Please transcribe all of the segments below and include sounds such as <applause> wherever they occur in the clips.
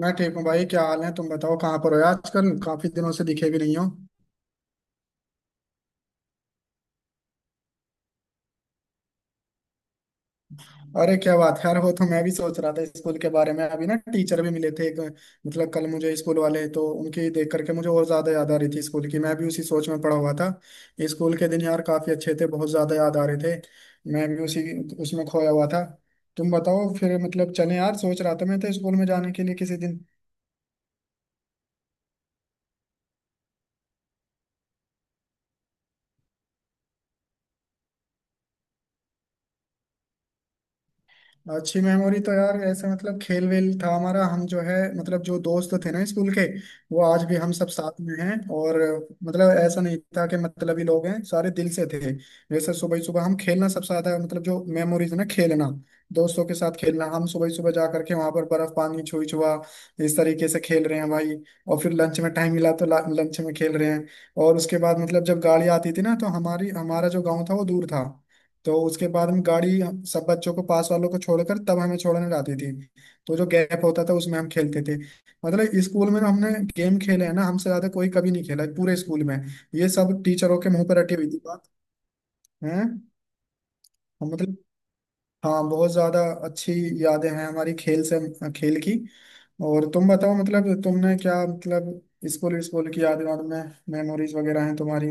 मैं ठीक हूँ भाई। क्या हाल है? तुम बताओ, कहाँ पर हो आजकल? काफी दिनों से दिखे भी नहीं हो। अरे क्या बात है यार, वो तो मैं भी सोच रहा था स्कूल के बारे में। अभी ना टीचर भी मिले थे एक। मतलब कल मुझे स्कूल वाले, तो उनकी देख करके मुझे और ज्यादा याद आ रही थी स्कूल की। मैं भी उसी सोच में पड़ा हुआ था। स्कूल के दिन यार काफी अच्छे थे, बहुत ज्यादा याद आ रहे थे। मैं भी उसी, उसमें खोया हुआ था। तुम बताओ फिर, मतलब चले? यार सोच रहा था मैं तो स्कूल में जाने के लिए किसी दिन। अच्छी मेमोरी तो यार ऐसे, मतलब खेल वेल था हमारा। हम जो है, मतलब जो दोस्त थे ना स्कूल के, वो आज भी हम सब साथ में हैं। और मतलब ऐसा नहीं था कि मतलब ही लोग हैं, सारे दिल से थे। जैसे सुबह सुबह हम खेलना सबसे ज्यादा, मतलब जो मेमोरीज ना, खेलना दोस्तों के साथ। खेलना हम सुबह सुबह जा करके वहां पर, बर्फ पानी छुई छुआ, इस तरीके से खेल रहे हैं भाई। और फिर लंच में टाइम मिला तो लंच में खेल रहे हैं। और उसके बाद, मतलब जब गाड़ी आती थी ना, तो हमारी हमारा जो गाँव था वो दूर था। तो उसके बाद हम गाड़ी, सब बच्चों को पास वालों को छोड़कर तब हमें छोड़ने जाती थी। तो जो गैप होता था उसमें हम खेलते थे। मतलब स्कूल में हमने गेम खेले हैं ना, हमसे ज्यादा कोई कभी नहीं खेला है पूरे स्कूल में। ये सब टीचरों के मुंह पर रटी हुई थी बात। है, मतलब हाँ बहुत ज्यादा अच्छी यादें हैं हमारी, खेल से, खेल की। और तुम बताओ, मतलब तुमने क्या, मतलब स्कूल, स्कूल की यादें और में, मेमोरीज वगैरह हैं तुम्हारी?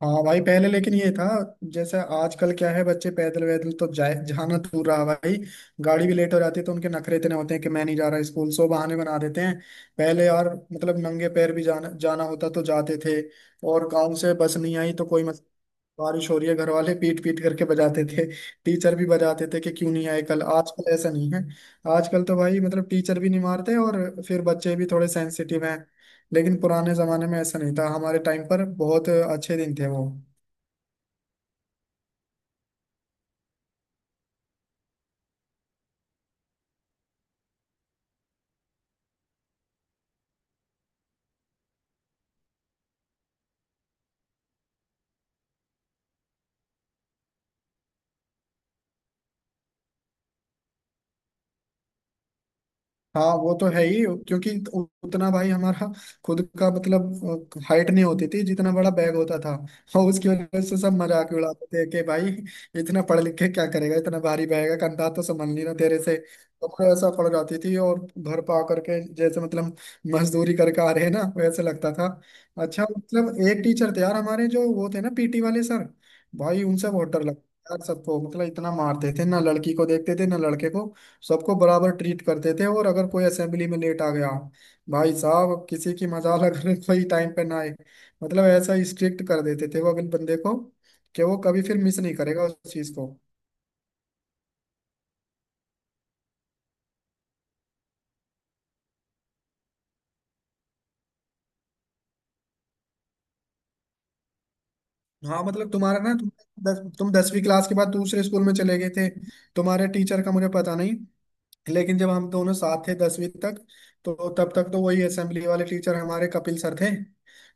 हाँ भाई पहले लेकिन ये था, जैसे आजकल क्या है, बच्चे पैदल वैदल तो जाए, जाना दूर रहा भाई। गाड़ी भी लेट हो जाती है तो उनके नखरे इतने होते हैं कि मैं नहीं जा रहा स्कूल, सो बहाने बना देते हैं। पहले यार, मतलब नंगे पैर भी जाना जाना होता तो जाते थे। और गाँव से बस नहीं आई तो कोई मत। बारिश हो रही है घर वाले पीट पीट करके बजाते थे। टीचर भी बजाते थे कि क्यों नहीं आए कल। आजकल ऐसा नहीं है, आजकल तो भाई मतलब टीचर भी नहीं मारते, और फिर बच्चे भी थोड़े सेंसिटिव हैं। लेकिन पुराने जमाने में ऐसा नहीं था, हमारे टाइम पर बहुत अच्छे दिन थे वो। हाँ वो तो है ही, क्योंकि उतना भाई हमारा खुद का मतलब हाइट नहीं होती थी, जितना बड़ा बैग होता था। और उसकी वजह से सब मजाक उड़ाते थे कि भाई इतना पढ़ लिख के क्या करेगा, इतना भारी बैग है कंधा तो संभल नहीं रहा तेरे से। तो मुझे ऐसा पड़ जाती थी, और घर पे आकर के जैसे मतलब मजदूरी करके आ रहे हैं ना, वैसे लगता था। अच्छा, मतलब एक टीचर थे यार हमारे जो वो थे ना, पीटी वाले सर। भाई उनसे बहुत डर लगता था यार सबको, मतलब इतना मारते थे ना, लड़की को देखते थे ना लड़के को, सबको बराबर ट्रीट करते थे। और अगर कोई असेंबली में लेट आ गया भाई साहब, किसी की मजाल अगर <laughs> कोई टाइम पे ना आए। मतलब ऐसा स्ट्रिक्ट कर देते थे वो अपने बंदे को, कि वो कभी फिर मिस नहीं करेगा उस चीज को। हाँ मतलब तुम्हारा ना, तुम तुम दसवीं क्लास के बाद दूसरे स्कूल में चले गए थे। तुम्हारे टीचर का मुझे पता नहीं, लेकिन जब हम दोनों साथ थे दसवीं तक, तो तब तक तो वही असेंबली वाले टीचर हमारे कपिल सर थे।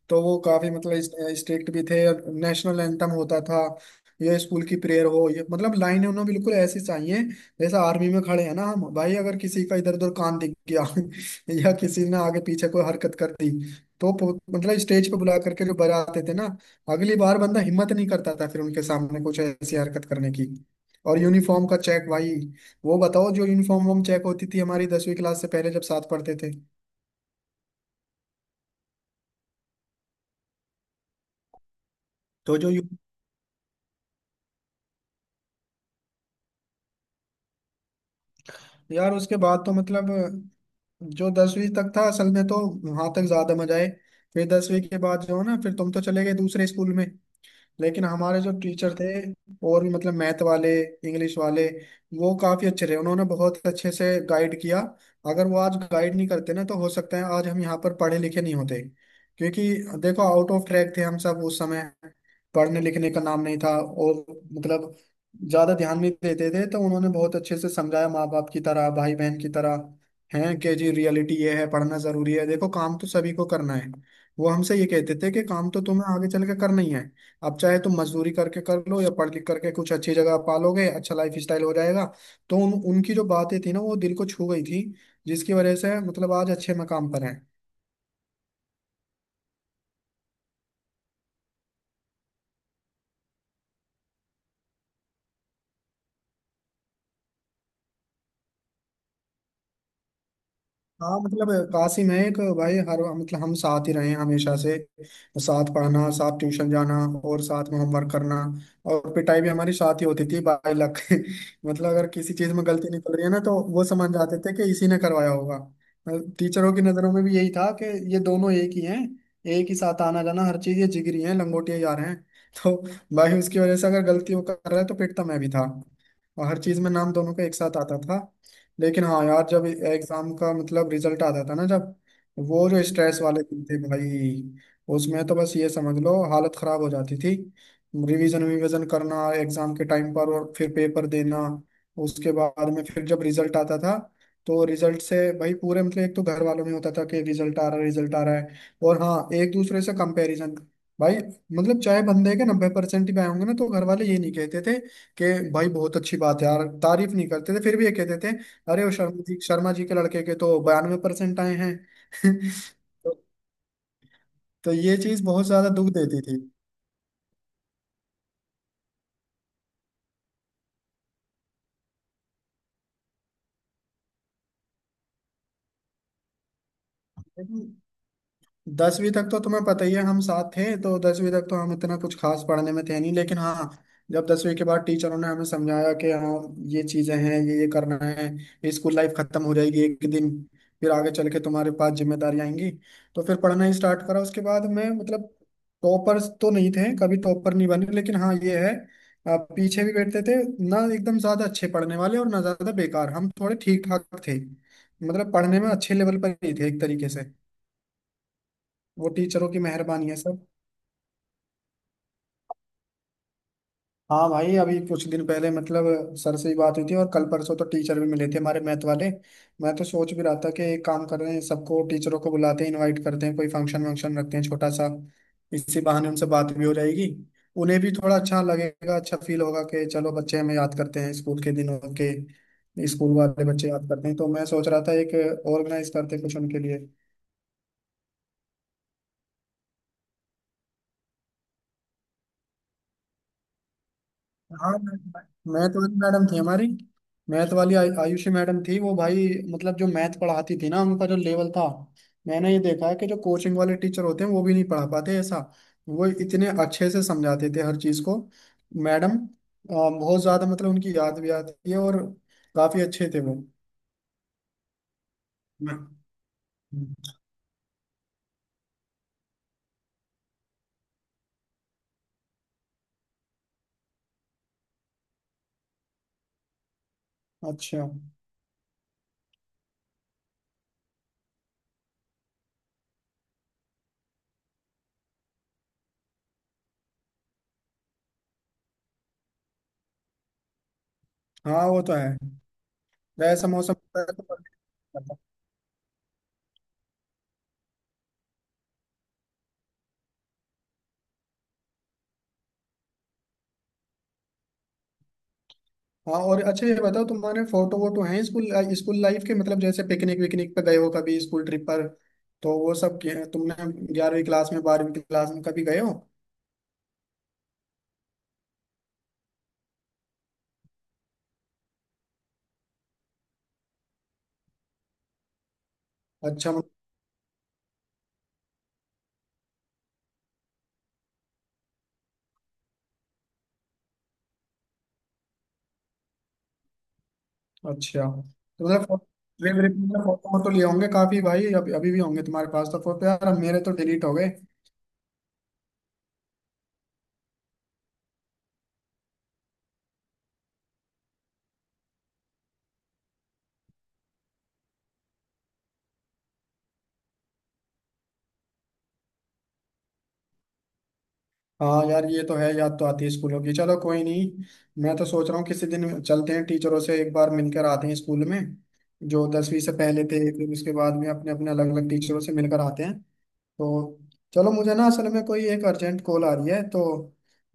तो वो काफी मतलब स्ट्रिक्ट भी थे, और नेशनल एंथम होता था, ये स्कूल की प्रेयर हो, ये मतलब लाइनें उन्हें बिल्कुल ऐसी चाहिए जैसे आर्मी में खड़े हैं ना हम भाई। अगर किसी का इधर उधर कान दिख गया <laughs> या किसी ने आगे पीछे कोई हरकत कर दी, तो मतलब स्टेज पे बुला करके जो बजाते थे ना, अगली बार बंदा हिम्मत नहीं करता था फिर उनके सामने कुछ ऐसी हरकत करने की। और यूनिफॉर्म का चेक भाई, वो बताओ, जो यूनिफॉर्म वॉर्म चेक होती थी हमारी दसवीं क्लास से पहले जब साथ पढ़ते थे। तो जो यार उसके बाद तो मतलब जो दसवीं तक था असल में, तो वहां तक ज्यादा मजा आए। फिर दसवीं के बाद जो है ना, फिर तुम तो चले गए दूसरे स्कूल में, लेकिन हमारे जो टीचर थे, और भी मतलब मैथ वाले, इंग्लिश वाले, वो काफी अच्छे रहे, उन्होंने बहुत अच्छे से गाइड किया। अगर वो आज गाइड नहीं करते ना, तो हो सकता है आज हम यहाँ पर पढ़े लिखे नहीं होते। क्योंकि देखो आउट ऑफ ट्रैक थे हम सब उस समय, पढ़ने लिखने का नाम नहीं था, और मतलब ज्यादा ध्यान नहीं देते थे। तो उन्होंने बहुत अच्छे से समझाया माँ बाप की तरह, भाई बहन की तरह। हैं कि जी रियलिटी ये है, पढ़ना जरूरी है, देखो काम तो सभी को करना है। वो हमसे ये कहते थे कि काम तो तुम्हें आगे चल के करना ही है, अब चाहे तुम मजदूरी करके कर लो या पढ़ लिख करके कुछ अच्छी जगह पालोगे, अच्छा लाइफ स्टाइल हो जाएगा। तो उनकी जो बातें थी ना, वो दिल को छू गई थी, जिसकी वजह से मतलब आज अच्छे मकाम पर हैं। हाँ मतलब कासिम है एक भाई, हर मतलब हम साथ ही रहे हैं हमेशा से। साथ पढ़ना, साथ ट्यूशन जाना, और साथ में होमवर्क करना। और पिटाई भी हमारी साथ ही होती थी बाई लक <laughs> मतलब अगर किसी चीज में गलती निकल रही है ना, तो वो समझ जाते थे कि इसी ने करवाया होगा। टीचरों की नजरों में भी यही था कि ये दोनों एक ही हैं, एक ही साथ आना जाना, हर चीज, ये जिगरी हैं, लंगोटिया जा रहे हैं <laughs> तो भाई उसकी वजह से अगर गलती वो कर रहा है तो पिटता मैं भी था, और हर चीज में नाम दोनों का एक साथ आता था। लेकिन हाँ यार जब एग्जाम का मतलब रिजल्ट आता था ना, जब वो जो स्ट्रेस वाले दिन थे भाई, उसमें तो बस ये समझ लो हालत खराब हो जाती थी। रिवीजन रिवीजन करना एग्जाम के टाइम पर, और फिर पेपर देना। उसके बाद में फिर जब रिजल्ट आता था, तो रिजल्ट से भाई पूरे, मतलब एक तो घर वालों में होता था कि रिजल्ट आ रहा है, रिजल्ट आ रहा है। और हाँ एक दूसरे से कंपैरिजन भाई। मतलब चाहे बंदे के नब्बे परसेंट भी आए होंगे ना, तो घर वाले ये नहीं कहते थे कि भाई बहुत अच्छी बात है यार, तारीफ नहीं करते थे, फिर भी ये कहते थे अरे वो शर्मा जी, शर्मा जी के लड़के के तो बयानवे परसेंट आए हैं। <laughs> तो, तो ये चीज बहुत ज्यादा दुख देती थी। लेकिन दसवीं तक तो तुम्हें पता ही है हम साथ थे, तो दसवीं तक तो हम इतना कुछ खास पढ़ने में थे नहीं। लेकिन हाँ जब दसवीं के बाद टीचरों ने हमें समझाया कि हाँ, ये चीजें हैं, ये करना है, स्कूल लाइफ खत्म हो जाएगी एक दिन, फिर आगे चल के तुम्हारे पास जिम्मेदारी आएंगी। तो फिर पढ़ना ही स्टार्ट करा उसके बाद। मैं मतलब टॉपर्स तो नहीं थे, कभी टॉपर नहीं बने, लेकिन हाँ ये है, पीछे भी बैठते थे, ना एकदम ज्यादा अच्छे पढ़ने वाले और ना ज्यादा बेकार, हम थोड़े ठीक ठाक थे। मतलब पढ़ने में अच्छे लेवल पर ही थे एक तरीके से। वो टीचरों की मेहरबानी है सर। हाँ भाई अभी कुछ दिन पहले मतलब सर से ही बात हुई थी, और कल परसों तो टीचर भी मिले थे हमारे मैथ वाले। मैं तो सोच भी रहा था कि एक काम कर रहे हैं, सबको टीचरों को बुलाते हैं, इनवाइट करते हैं, कोई फंक्शन वंक्शन रखते हैं छोटा सा। इसी बहाने उनसे बात भी हो जाएगी, उन्हें भी थोड़ा अच्छा लगेगा, अच्छा फील होगा कि चलो बच्चे हमें याद करते हैं, स्कूल के दिनों के स्कूल वाले बच्चे याद करते हैं। तो मैं सोच रहा था एक ऑर्गेनाइज करते कुछ उनके लिए। हाँ मैथ वाली मैडम थी हमारी, मैथ वाली आयुषी मैडम थी वो भाई। मतलब जो मैथ पढ़ाती थी ना, उनका जो लेवल था, मैंने ये देखा है कि जो कोचिंग वाले टीचर होते हैं वो भी नहीं पढ़ा पाते ऐसा। वो इतने अच्छे से समझाते थे हर चीज को। मैडम बहुत ज्यादा, मतलब उनकी याद भी आती है, और काफी अच्छे थे वो। मैं- अच्छा। हाँ वो तो है, वैसा मौसम होता है तो पढ़ नहीं पाता। हाँ और अच्छा ये बताओ, तुम्हारे फोटो वोटो हैं स्कूल, स्कूल लाइफ के, मतलब जैसे पिकनिक विकनिक पे गए हो कभी स्कूल ट्रिप पर, तो वो सब तुमने ग्यारहवीं क्लास में, बारहवीं क्लास में कभी गए हो? अच्छा। अच्छा तो मतलब ट्रिप ट्रिप में फोटो वोटो लिए होंगे काफी भाई, अभी अभी भी होंगे तुम्हारे पास? तो फोटो यार अब मेरे तो डिलीट हो गए। हाँ यार ये तो है, याद तो आती है स्कूलों की। चलो कोई नहीं, मैं तो सोच रहा हूँ किसी दिन चलते हैं, टीचरों से एक बार मिलकर आते हैं स्कूल में जो दसवीं से पहले थे, फिर उसके बाद में अपने अपने अलग अलग टीचरों से मिलकर आते हैं। तो चलो, मुझे ना असल में कोई एक अर्जेंट कॉल आ रही है तो,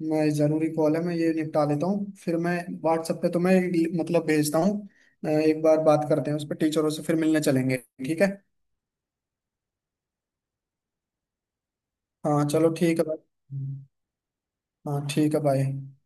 मैं ज़रूरी कॉल है, मैं ये निपटा लेता हूँ, फिर मैं व्हाट्सएप पे तुम्हें एक मतलब भेजता हूँ। एक बार बात करते हैं उस पर, टीचरों से फिर मिलने चलेंगे, ठीक है? हाँ चलो ठीक है भाई। हाँ ठीक है भाई।